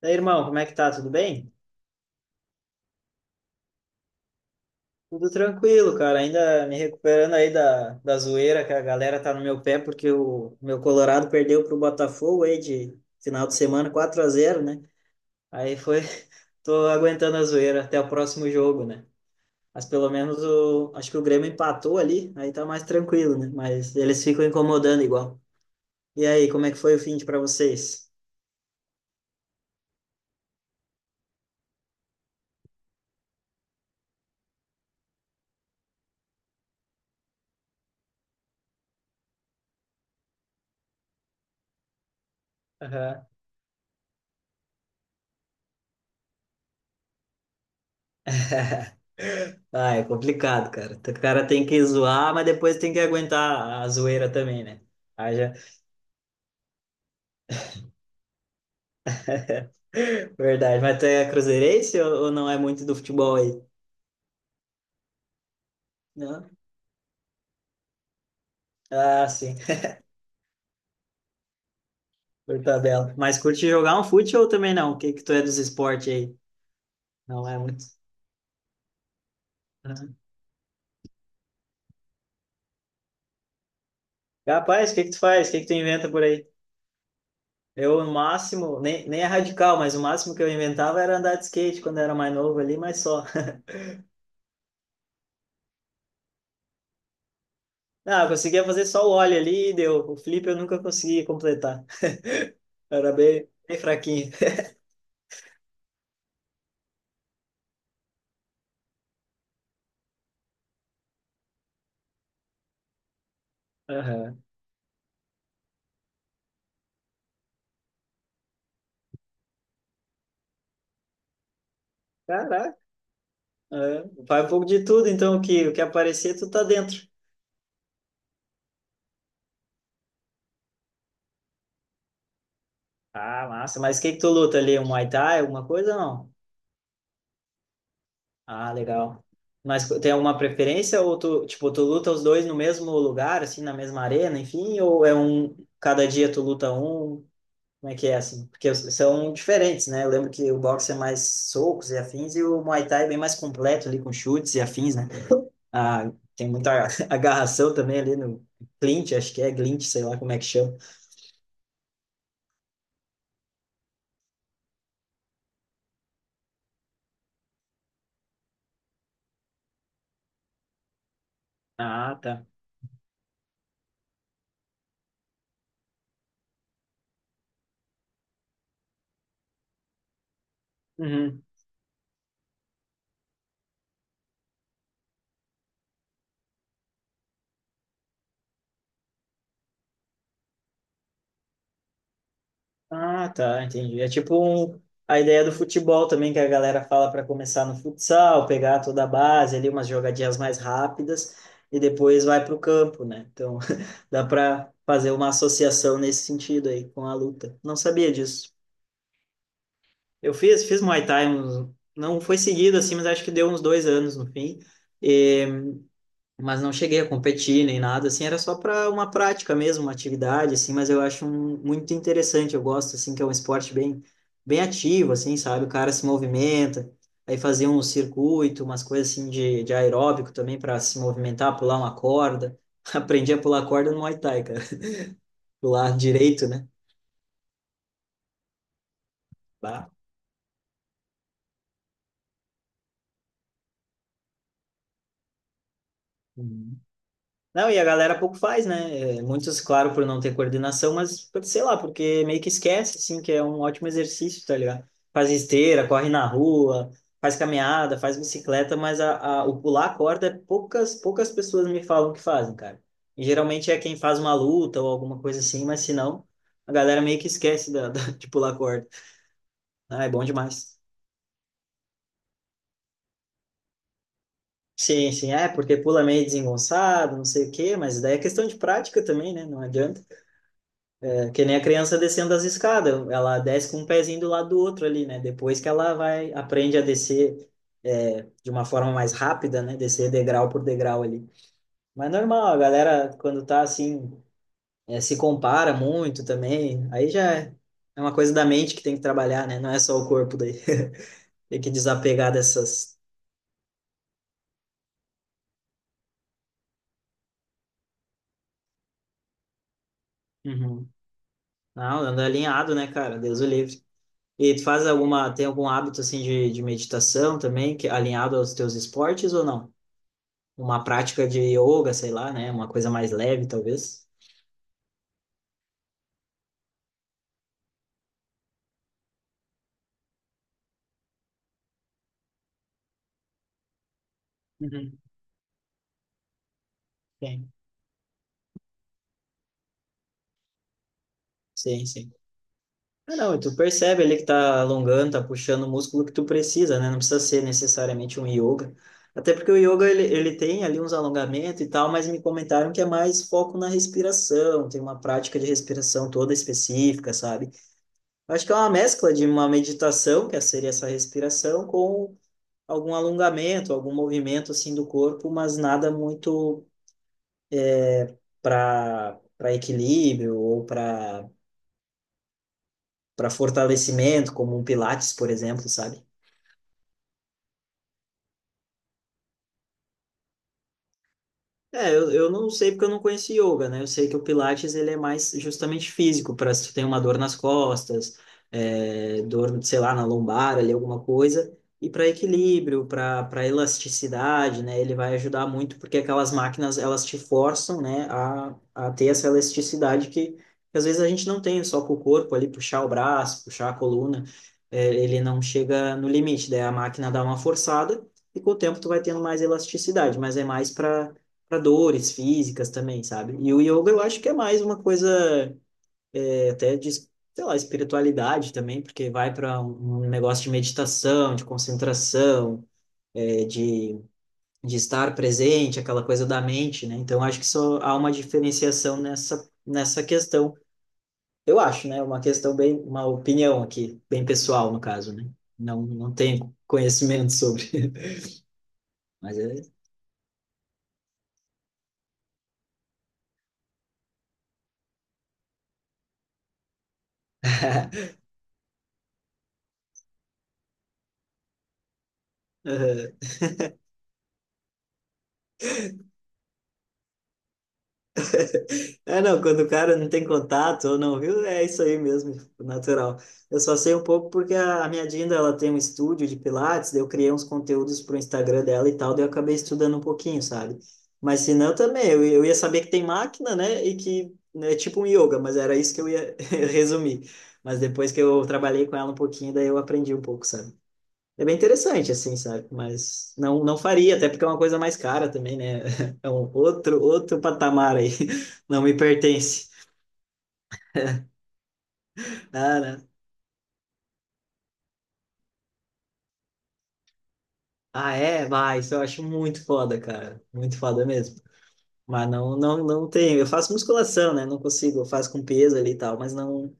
Daí, irmão, como é que tá? Tudo bem? Tudo tranquilo, cara. Ainda me recuperando aí da zoeira que a galera tá no meu pé porque o meu Colorado perdeu pro Botafogo aí de final de semana 4-0, né? Aí foi, tô aguentando a zoeira até o próximo jogo, né? Mas pelo menos acho que o Grêmio empatou ali, aí tá mais tranquilo, né? Mas eles ficam incomodando igual. E aí, como é que foi o fim de pra vocês? Aham. Ah, é complicado, cara. O cara tem que zoar, mas depois tem que aguentar a zoeira também, né? Verdade, mas tu é cruzeirense ou não é muito do futebol aí? Não? Ah, sim, por tabela. Mas curte jogar um fute ou também não? O que que tu é dos esportes aí? Não é muito. Ah. Rapaz, o que que tu faz? O que que tu inventa por aí? Eu, no máximo, nem é radical, mas o máximo que eu inventava era andar de skate quando eu era mais novo ali, mas só. Ah, eu conseguia fazer só o ollie ali e deu. O flip eu nunca conseguia completar. Era bem, bem fraquinho. Aham. Caraca. É, vai um pouco de tudo, então o que aparecer, tu tá dentro. Ah, massa. Mas o que que tu luta ali? Um Muay Thai, alguma coisa ou não? Ah, legal. Mas tem alguma preferência ou tu, tipo, tu luta os dois no mesmo lugar, assim, na mesma arena, enfim, cada dia tu luta um? Como é que é assim? Porque são diferentes, né? Eu lembro que o boxe é mais socos e afins e o Muay Thai é bem mais completo ali com chutes e afins, né? Ah, tem muita agarração também ali no clinch, acho que é glint, sei lá como é que chama. Ah, tá. Uhum. Ah, tá, entendi. É tipo a ideia do futebol também que a galera fala para começar no futsal, pegar toda a base ali, umas jogadinhas mais rápidas e depois vai para o campo, né? Então dá para fazer uma associação nesse sentido aí com a luta. Não sabia disso. Eu fiz Muay Thai, não foi seguido assim, mas acho que deu uns 2 anos no fim. Mas não cheguei a competir nem nada, assim, era só para uma prática mesmo, uma atividade, assim, mas eu acho muito interessante, eu gosto, assim, que é um esporte bem, bem ativo, assim, sabe? O cara se movimenta, aí fazia um circuito, umas coisas assim de aeróbico também para se movimentar, pular uma corda. Aprendi a pular corda no Muay Thai, cara. Pular direito, né? Bah. Não, e a galera pouco faz, né? É, muitos, claro, por não ter coordenação, mas sei lá, porque meio que esquece, assim, que é um ótimo exercício, tá ligado? Faz esteira, corre na rua, faz caminhada, faz bicicleta, mas o pular a corda, poucas pessoas me falam que fazem, cara. E geralmente é quem faz uma luta ou alguma coisa assim, mas se não, a galera meio que esquece de pular a corda. Ah, é bom demais. Sim, sim, é, porque pula meio desengonçado, não sei o quê, mas daí é questão de prática também, né? Não adianta. Que nem a criança descendo as escadas, ela desce com um pezinho do lado do outro ali, né? Depois que ela vai, aprende a descer de uma forma mais rápida, né? Descer degrau por degrau ali. Mas normal, a galera, quando tá assim, se compara muito também, aí já é uma coisa da mente que tem que trabalhar, né? Não é só o corpo daí. Tem que desapegar dessas. Uhum. Não, anda alinhado, né, cara? Deus o livre. E tu faz alguma, tem algum hábito assim de meditação também, que é alinhado aos teus esportes ou não? Uma prática de yoga, sei lá, né? Uma coisa mais leve, talvez. Uhum, tem. Sim, sim. Ah, não, e tu percebe ali que tá alongando, tá puxando o músculo que tu precisa, né? Não precisa ser necessariamente um yoga. Até porque o yoga, ele tem ali uns alongamentos e tal, mas me comentaram que é mais foco na respiração, tem uma prática de respiração toda específica, sabe? Eu acho que é uma mescla de uma meditação, que seria essa respiração, com algum alongamento, algum movimento, assim, do corpo, mas nada muito para equilíbrio ou para fortalecimento, como um Pilates, por exemplo, sabe? É, eu não sei porque eu não conheci yoga, né? Eu sei que o Pilates ele é mais justamente físico, para se tu tem uma dor nas costas, dor, sei lá, na lombar, ali alguma coisa, e para equilíbrio, para elasticidade, né? Ele vai ajudar muito porque aquelas máquinas elas te forçam, né, a ter essa elasticidade que às vezes a gente não tem só com o corpo ali, puxar o braço, puxar a coluna, ele não chega no limite, daí a máquina dá uma forçada e com o tempo tu vai tendo mais elasticidade, mas é mais para dores físicas também, sabe? E o yoga eu acho que é mais uma coisa até de, sei lá, espiritualidade também, porque vai para um negócio de meditação, de concentração, é, de, de estar presente, aquela coisa da mente, né? Então acho que só há uma diferenciação nessa questão. Eu acho, né? Uma questão uma opinião aqui, bem pessoal no caso, né? Não, não tenho conhecimento sobre, mas é. Aham. É, não, quando o cara não tem contato ou não viu, é isso aí mesmo, tipo, natural. Eu só sei um pouco porque a minha Dinda, ela tem um estúdio de Pilates, daí eu criei uns conteúdos pro Instagram dela e tal, daí eu acabei estudando um pouquinho, sabe? Mas se não, também, eu ia saber que tem máquina, né, e que né, é tipo um yoga, mas era isso que eu ia resumir. Mas depois que eu trabalhei com ela um pouquinho, daí eu aprendi um pouco, sabe? É bem interessante, assim, sabe? Mas não, não faria, até porque é uma coisa mais cara também, né? É um outro patamar aí. Não me pertence. Ah, né? Ah, é? Vai, isso eu acho muito foda, cara. Muito foda mesmo. Mas não, não, não tenho. Eu faço musculação, né? Não consigo. Eu faço com peso ali e tal, mas não.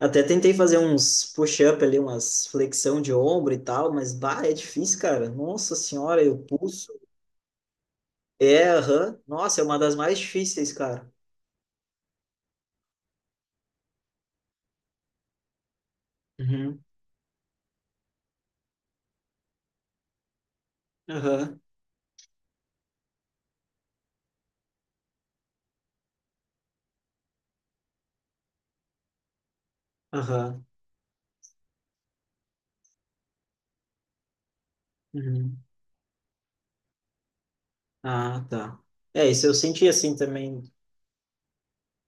Até tentei fazer uns push-up ali, umas flexão de ombro e tal, mas, bah, é difícil, cara. Nossa senhora, eu pulso. É, aham. Nossa, é uma das mais difíceis, cara. Uhum. Aham. Aham. Uhum. Ah, tá. É, isso eu senti assim também.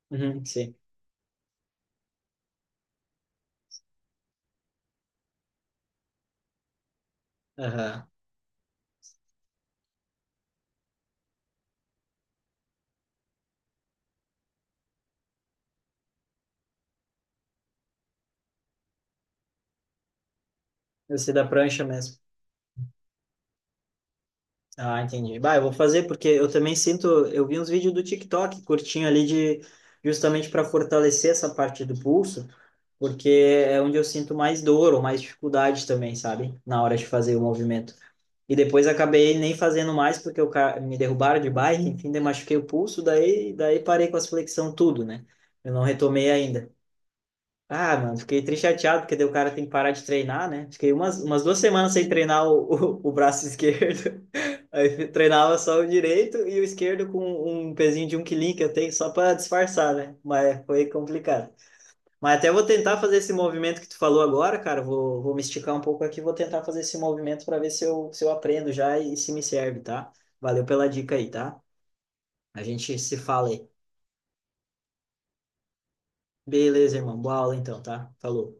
Uhum, sim. Aham. Esse da prancha mesmo. Ah, entendi. Bah, eu vou fazer porque eu também sinto. Eu vi uns vídeos do TikTok curtinho ali de justamente para fortalecer essa parte do pulso, porque é onde eu sinto mais dor ou mais dificuldade também, sabe? Na hora de fazer o movimento. E depois acabei nem fazendo mais porque eu me derrubaram de bike, enfim, daí machuquei o pulso, daí parei com as flexão tudo, né? Eu não retomei ainda. Ah, mano, fiquei triste chateado, porque daí o cara tem que parar de treinar, né? Fiquei umas 2 semanas sem treinar o braço esquerdo. Aí treinava só o direito e o esquerdo com um pezinho de um quilinho que eu tenho só para disfarçar, né? Mas foi complicado. Mas até vou tentar fazer esse movimento que tu falou agora, cara. Vou me esticar um pouco aqui, vou tentar fazer esse movimento para ver se eu aprendo já e se me serve, tá? Valeu pela dica aí, tá? A gente se fala aí. Beleza, irmão. Boa aula então, tá? Falou.